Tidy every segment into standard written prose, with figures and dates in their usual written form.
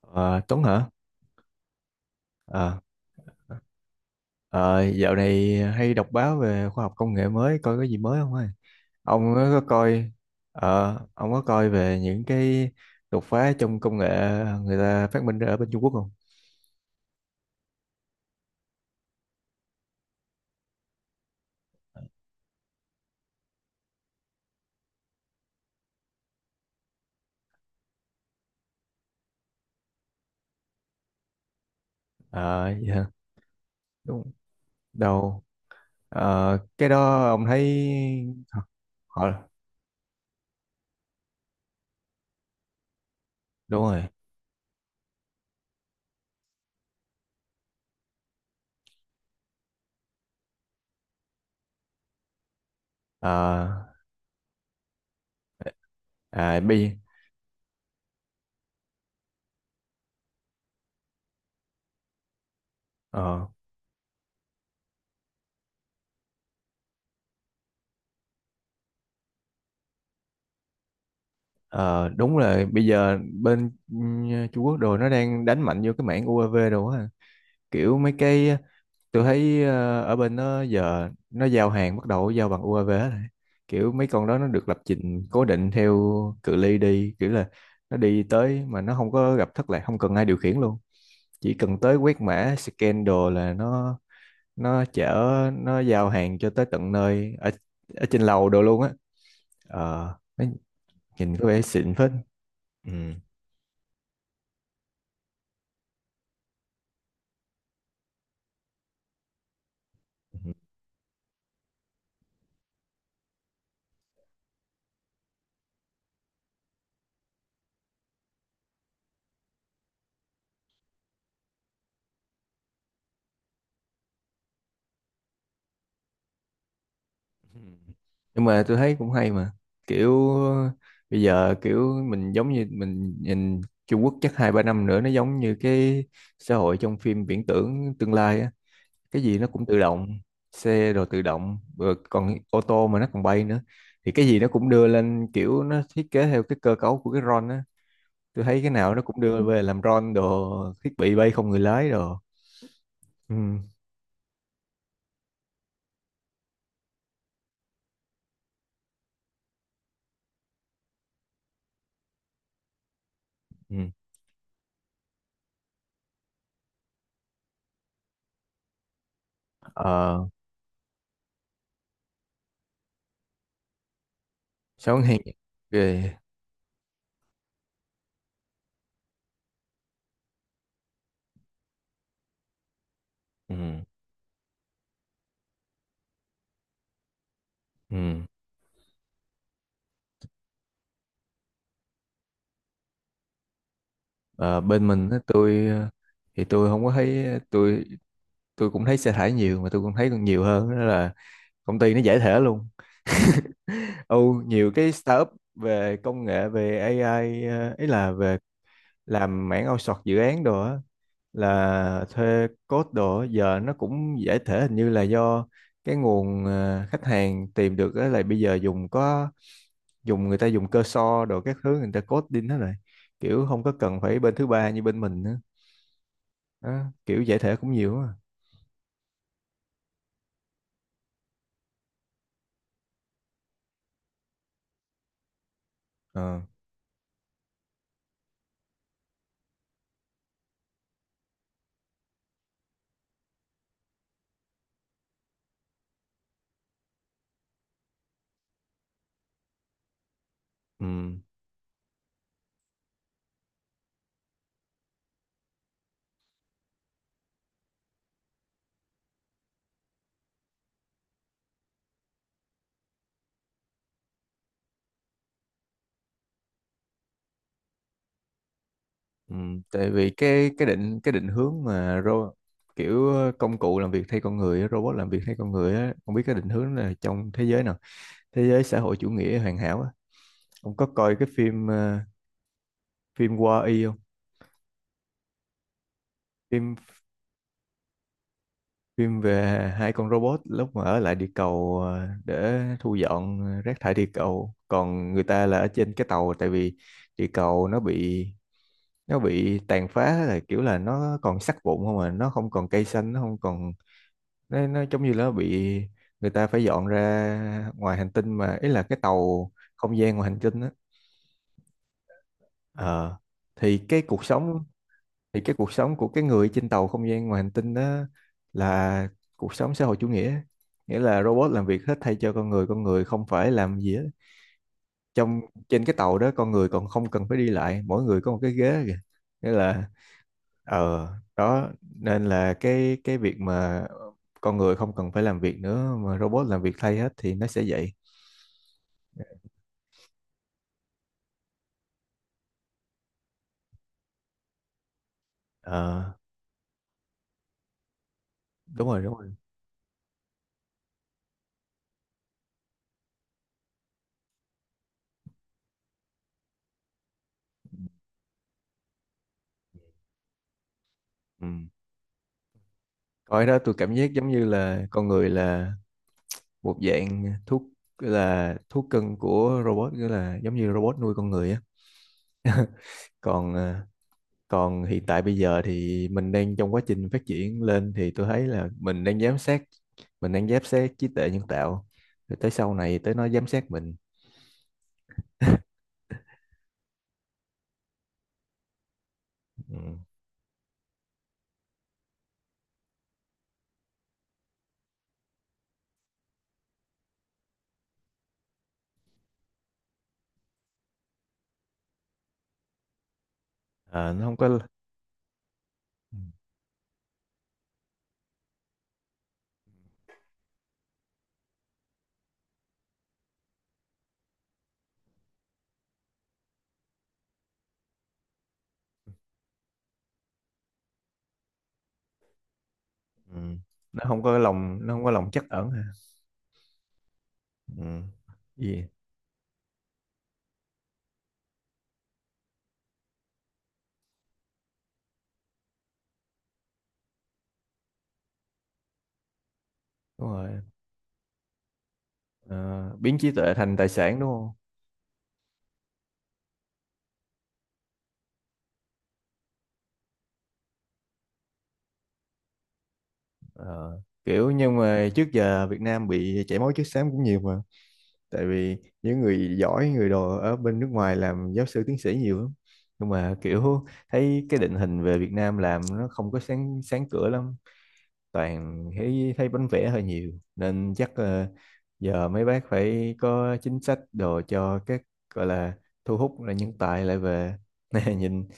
Ờ, Tuấn hả? Ờ, ờ, Dạo này hay đọc báo về khoa học công nghệ mới, coi có gì mới không ơi? Ông có coi, ông có coi về những cái đột phá trong công nghệ người ta phát minh ra ở bên Trung Quốc không? Ờ, dạ, đúng, đâu, Ờ, cái đó ông thấy, họ, đúng rồi. Ờ, à, bây, ờ, ờ, Đúng là bây giờ bên Trung Quốc đồ nó đang đánh mạnh vô cái mảng UAV đồ á, kiểu mấy cái tôi thấy ở bên nó giờ nó giao hàng bắt đầu giao bằng UAV hết rồi. Kiểu mấy con đó nó được lập trình cố định theo cự ly đi, kiểu là nó đi tới mà nó không có gặp thất lạc, không cần ai điều khiển luôn, chỉ cần tới quét mã scan đồ là nó chở, nó giao hàng cho tới tận nơi ở, ở trên lầu đồ luôn á. Ờ nó Nhìn có vẻ xịn phết. Ừ. Ừ. Nhưng mà tôi thấy cũng hay mà, kiểu bây giờ kiểu mình giống như mình nhìn Trung Quốc chắc hai ba năm nữa nó giống như cái xã hội trong phim viễn tưởng tương lai á, cái gì nó cũng tự động, xe rồi tự động rồi còn ô tô mà nó còn bay nữa, thì cái gì nó cũng đưa lên, kiểu nó thiết kế theo cái cơ cấu của cái drone á. Tôi thấy cái nào nó cũng đưa về làm drone đồ, thiết bị bay không người lái đồ. ừ ừ ờ Sao hèn ghê. ừ ừ Ờ, Bên mình á, thì tôi không có thấy. Tôi cũng thấy xe thải nhiều mà tôi cũng thấy còn nhiều hơn đó là công ty nó giải thể luôn. Âu nhiều cái startup về công nghệ về AI, ờ, ấy là về làm mảng outsource dự án đồ á, là thuê code đồ á, giờ nó cũng giải thể, hình như là do cái nguồn khách hàng tìm được á là bây giờ dùng có dùng người ta dùng cơ so đồ các thứ, người ta code đi hết rồi, kiểu không có cần phải bên thứ ba như bên mình nữa. Đó, kiểu giải thể cũng nhiều quá. Ờ, ừ, ừ. Tại vì cái định hướng mà ro, kiểu công cụ làm việc thay con người á, robot làm việc thay con người á, không biết cái định hướng là trong thế giới nào, thế giới xã hội chủ nghĩa hoàn hảo á. Ông có coi cái phim phim Wall-E không? Phim Phim về hai con robot lúc mà ở lại địa cầu để thu dọn rác thải địa cầu, còn người ta là ở trên cái tàu, tại vì địa cầu nó bị tàn phá, là kiểu là nó còn sắt vụn không à, nó không còn cây xanh, nó không còn, nó giống như là nó bị, người ta phải dọn ra ngoài hành tinh mà ý là cái tàu không gian ngoài hành tinh á. Ờ, thì cái cuộc sống thì cái cuộc sống của cái người trên tàu không gian ngoài hành tinh đó là cuộc sống xã hội chủ nghĩa, nghĩa là robot làm việc hết thay cho con người, con người không phải làm gì hết, trong trên cái tàu đó con người còn không cần phải đi lại, mỗi người có một cái ghế kìa, nghĩa là ờ, đó, nên là cái việc mà con người không cần phải làm việc nữa mà robot làm việc thay hết thì nó sẽ vậy. ờ Đúng rồi, đúng rồi. Ừ. Coi đó tôi cảm giác giống như là con người là một dạng thuốc, là thuốc cưng của robot, nghĩa là giống như robot nuôi con người á. còn ờ, Còn hiện tại bây giờ thì mình đang trong quá trình phát triển lên, thì tôi thấy là mình đang giám sát trí tuệ nhân tạo, rồi tới sau này tới nó giám sát mình. Ừ. Ờ, nó không có. Ừ. Ừ. Nó không có lòng trắc ẩn hả. Ừ. Gì? Đúng rồi. Ờ, biến trí tuệ thành tài sản đúng không. Ờ, kiểu nhưng mà trước giờ Việt Nam bị chảy máu chất xám cũng nhiều mà, tại vì những người giỏi người đồ ở bên nước ngoài làm giáo sư tiến sĩ nhiều lắm, nhưng mà kiểu thấy cái định hình về Việt Nam làm nó không có sáng sáng cửa lắm, toàn thấy thấy bánh vẽ hơi nhiều nên chắc giờ mấy bác phải có chính sách đồ cho các gọi là thu hút là nhân tài lại về. Nè nhìn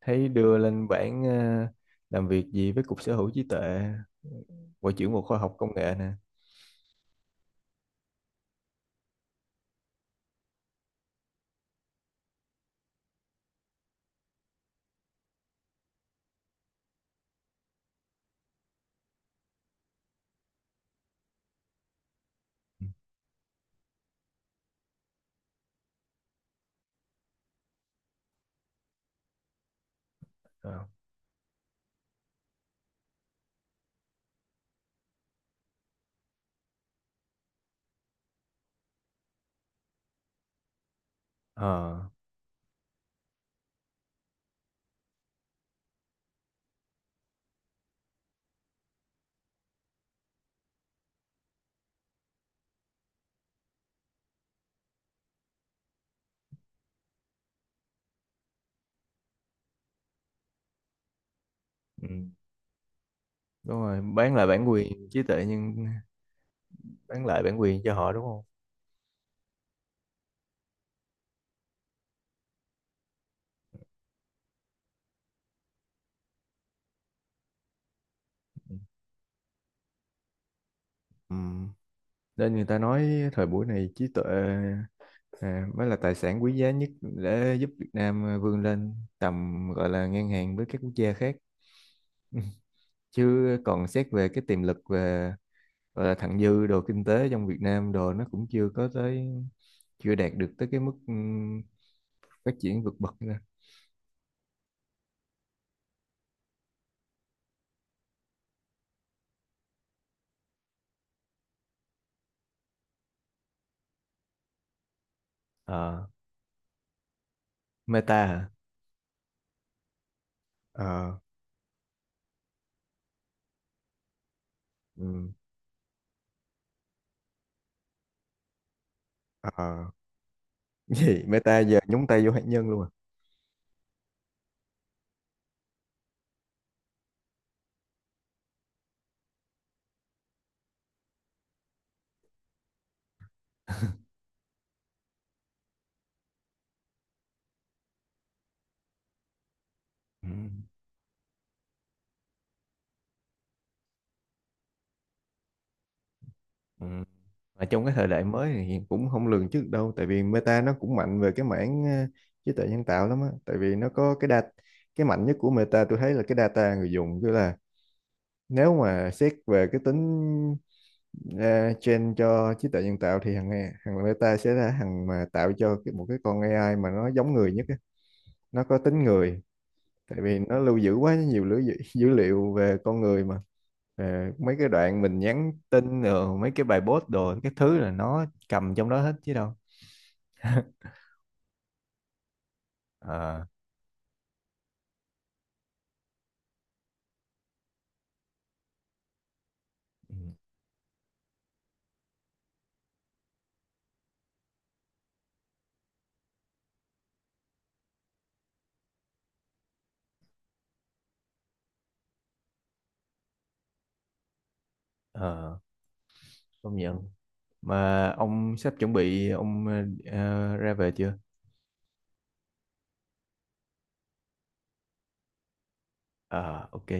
thấy đưa lên bảng làm việc gì với cục sở hữu trí tuệ, Bộ trưởng Bộ Khoa học Công nghệ nè. Ừ. Ờ. Ờ. Ừ. Đúng rồi, bán lại bản quyền trí tuệ, bán lại bản quyền cho họ đúng không. Ừ. Nên người ta nói thời buổi này trí tuệ à, mới là tài sản quý giá nhất để giúp Việt Nam vươn lên tầm, gọi là ngang hàng với các quốc gia khác. Chứ còn xét về cái tiềm lực về, gọi là thặng dư đồ kinh tế trong Việt Nam đồ, nó cũng chưa có tới, chưa đạt được tới cái mức phát triển vượt bậc nữa. Ờ, Meta hả? Ờ, ừ. Ờ. Gì Meta giờ nhúng tay vô hạt nhân luôn à? Ừ. Ừ. Mà trong cái thời đại mới thì cũng không lường trước đâu, tại vì Meta nó cũng mạnh về cái mảng trí tuệ nhân tạo lắm á, tại vì nó có cái data. Cái mạnh nhất của Meta tôi thấy là cái data người dùng, tức là nếu mà xét về cái tính train cho trí tuệ nhân tạo thì thằng Meta sẽ là thằng mà tạo cho cái, một cái con AI mà nó giống người nhất á. Nó có tính người, tại vì nó lưu giữ quá nhiều dữ, dữ, dữ liệu về con người mà. Ờ. Mấy cái đoạn mình nhắn tin rồi mấy cái bài post đồ, cái thứ là nó cầm trong đó hết chứ đâu. Ờ, ừ, ờ, Công nhận. Mà ông sắp chuẩn bị ra về chưa? Ờ, ok.